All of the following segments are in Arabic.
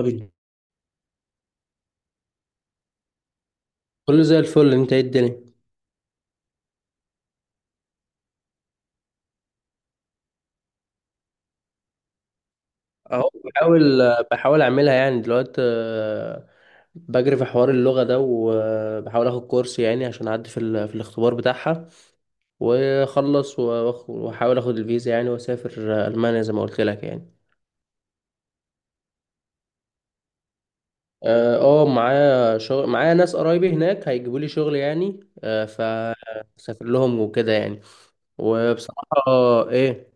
طبيعي. كله زي الفل، انت ايه الدنيا؟ اهو بحاول اعملها يعني دلوقتي. بجري في حوار اللغة ده وبحاول اخد كورس يعني عشان اعدي في الاختبار بتاعها، واخلص واحاول اخد الفيزا يعني واسافر المانيا زي ما قلت لك يعني. اه، معايا شغل، معايا ناس قرايبي هناك هيجيبوا لي شغل يعني، فسافر لهم وكده يعني. وبصراحة، ايه،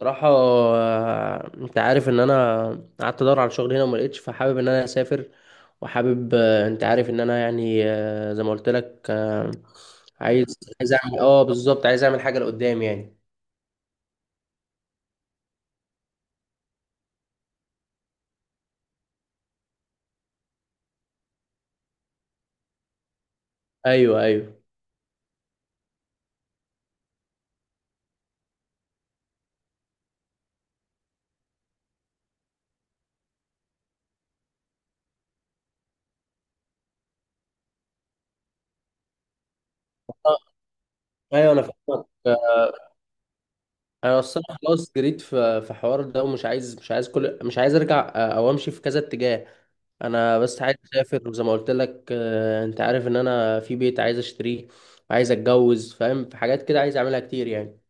صراحة، انت عارف ان انا قعدت ادور على شغل هنا وما لقيتش، فحابب ان انا اسافر. وحابب، انت عارف ان انا يعني، زي ما قلت لك، عايز اعمل، اه بالظبط، عايز اعمل حاجة لقدام يعني. ايوه، ايوه آه، ايوه انا فاهمك. انا اصلا خلاص جريت في في حوار ده، ومش عايز مش عايز كل مش عايز ارجع، او امشي في كذا اتجاه. انا بس عايز اسافر، وزي ما قلت لك، انت عارف ان انا في بيت عايز اشتريه، عايز اتجوز، فاهم، في حاجات كده عايز اعملها كتير يعني.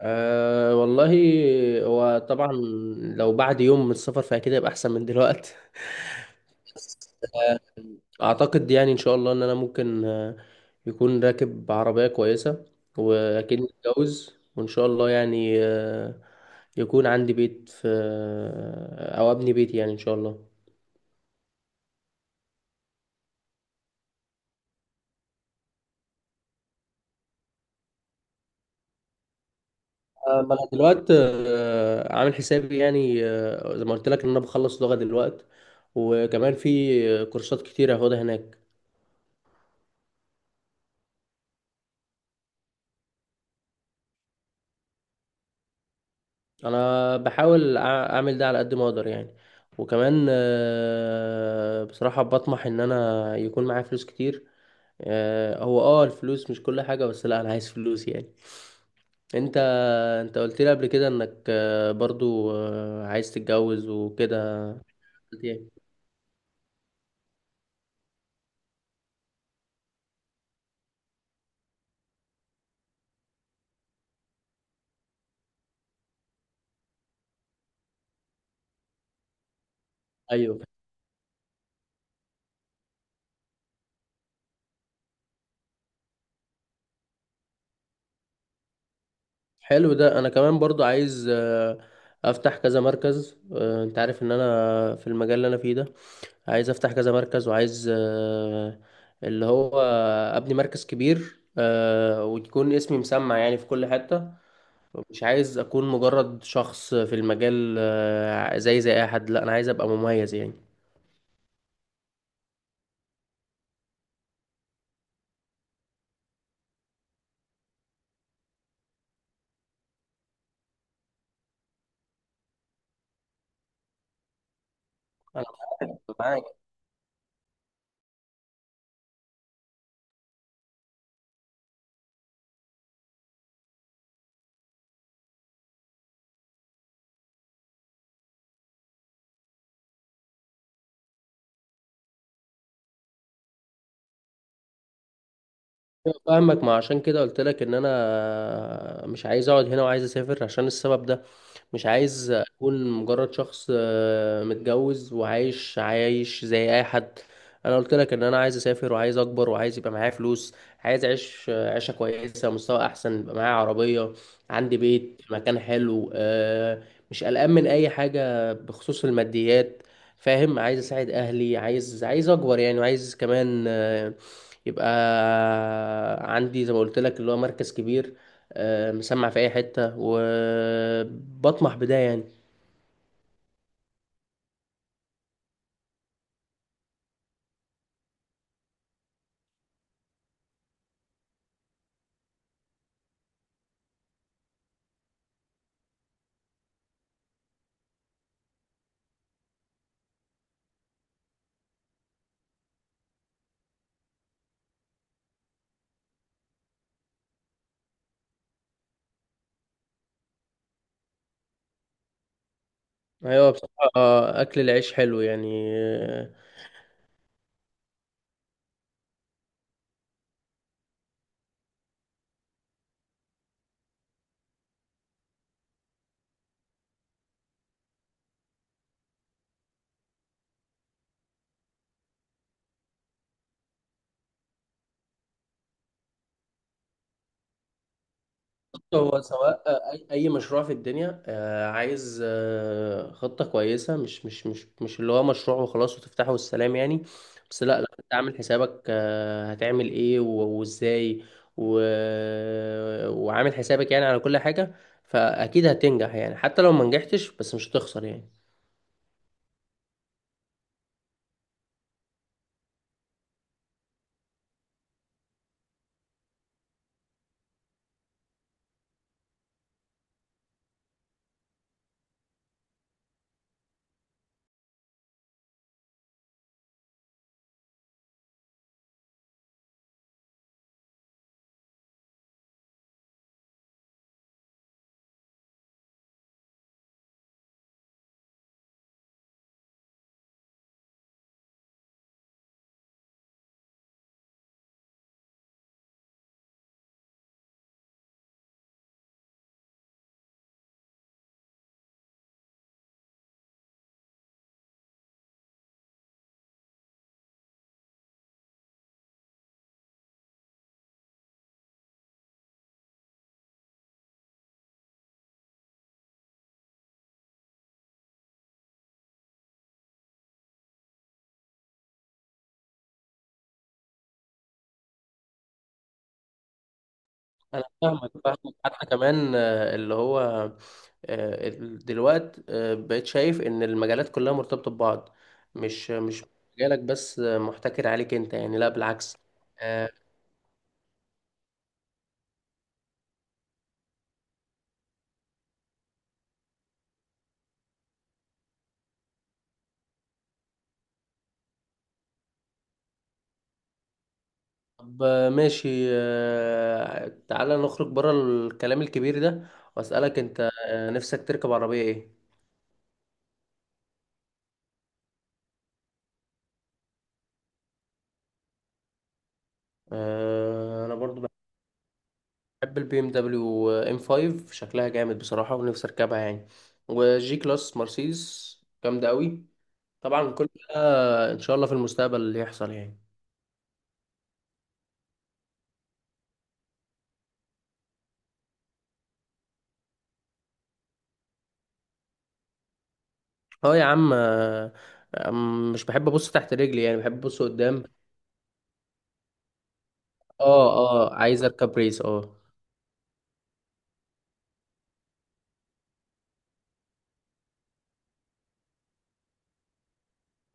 أه والله، هو طبعا لو بعد يوم من السفر فأكيد هيبقى أحسن من دلوقتي. أعتقد يعني إن شاء الله إن أنا ممكن، يكون راكب عربية كويسة، وأكيد متجوز، وإن شاء الله يعني، يكون عندي بيت في آه، أو أبني بيتي يعني إن شاء الله. ما أنا دلوقتي، عامل حسابي يعني، زي ما قلت لك إن أنا بخلص لغة دلوقتي، وكمان في كورسات كتير هاخدها هناك. انا بحاول اعمل ده على قد ما اقدر يعني، وكمان، بصراحة بطمح ان انا يكون معايا فلوس كتير. هو اه الفلوس مش كل حاجة، بس لا انا عايز فلوس يعني. انت انت قلت لي قبل كده انك، برضو، عايز تتجوز وكده، ايوه. حلو ده، انا كمان برضو عايز، افتح كذا مركز. انت عارف ان انا في المجال اللي انا فيه ده عايز افتح كذا مركز، وعايز، اللي هو ابني مركز كبير، ويكون اسمي مسمع يعني في كل حتة. مش عايز اكون مجرد شخص في المجال، زي اي حد، لا انا عايز ابقى مميز يعني. أنا معاك. أيوة فاهمك، ما عشان كده قلت لك ان انا مش عايز اقعد هنا، وعايز اسافر عشان السبب ده. مش عايز اكون مجرد شخص، متجوز وعايش زي اي حد. انا قلت لك ان انا عايز اسافر، وعايز اكبر، وعايز يبقى معايا فلوس، عايز اعيش، عيشه كويسه، مستوى احسن، يبقى معايا عربيه، عندي بيت، مكان حلو، مش قلقان من اي حاجه بخصوص الماديات. فاهم، عايز اساعد اهلي، عايز اكبر يعني، وعايز كمان، يبقى عندي زي ما قلت لك اللي هو مركز كبير، مسمع في اي حتة، وبطمح بده يعني. ايوه بصراحة، اكل العيش حلو يعني. هو سواء، أي مشروع في الدنيا، عايز، خطة كويسة، مش اللي هو مشروع وخلاص وتفتحه والسلام يعني. بس لا، لا انت عامل حسابك، هتعمل ايه وازاي، و... وعامل حسابك يعني على كل حاجة، فاكيد هتنجح يعني حتى لو ما نجحتش، بس مش هتخسر يعني. انا فاهمك فاهمك، حتى كمان، اللي هو، دلوقت، بقيت شايف ان المجالات كلها مرتبطة ببعض، مش مجالك بس، محتكر عليك انت يعني، لا بالعكس آه، طب، ماشي، تعالى نخرج بره الكلام الكبير ده، واسألك انت، نفسك تركب عربية ايه؟ انا برضو بحب البي ام دبليو ام 5، شكلها جامد بصراحة، ونفسي اركبها يعني، وجي كلاس مرسيدس، جامدة قوي. طبعا كل ده ان شاء الله في المستقبل اللي يحصل يعني. اه يا عم، مش بحب ابص تحت رجلي يعني، بحب ابص قدام. اه، اه، عايز اركب ريس، اه.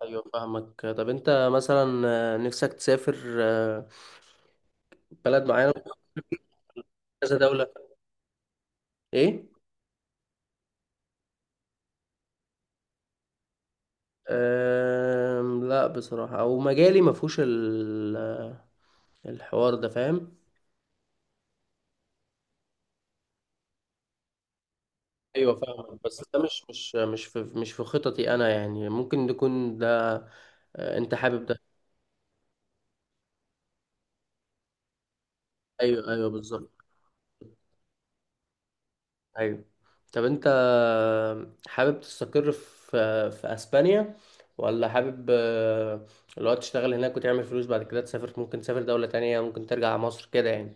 ايوه فاهمك، طب انت مثلا، نفسك تسافر آه، بلد معينه، كذا دوله، ايه. لا بصراحه، او مجالي ما فيهوش الحوار ده، فاهم. ايوه فاهمك، بس ده مش في خططي انا يعني، ممكن تكون ده، انت حابب ده. ايوه، ايوه، بالظبط، ايوه. طب انت حابب تستقر في في اسبانيا ولا حابب، اللي هو تشتغل هناك وتعمل فلوس بعد كده تسافر، ممكن تسافر دولة تانية، ممكن ترجع على مصر كده يعني.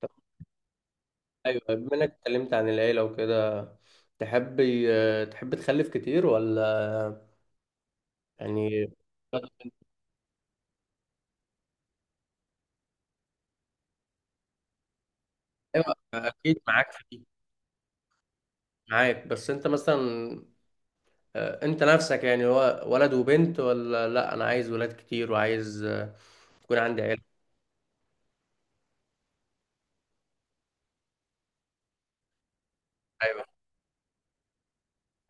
طب ايوه، بما انك اتكلمت عن العيلة وكده، تحب تحب تخلف كتير ولا يعني؟ ايوه اكيد معاك في دي، معاك. بس انت مثلا، انت نفسك يعني هو ولد وبنت ولا، لا انا عايز ولاد كتير، وعايز، يكون عندي عيلة.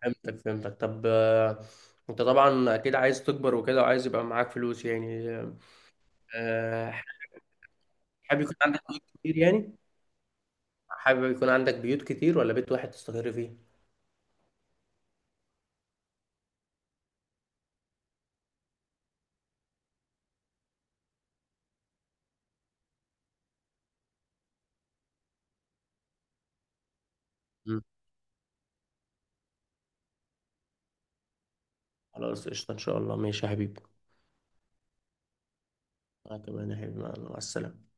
فهمتك فهمتك، طب، انت طبعا اكيد عايز تكبر وكده، وعايز يبقى معاك فلوس يعني آه، حابب يكون عندك بيوت كتير يعني؟ حابب يكون عندك بيوت كتير ولا بيت واحد تستقر فيه؟ مم. خلاص قشطة ان شاء الله، ماشي يا حبيبي. انا كمان يا حبيبي، مع السلامة.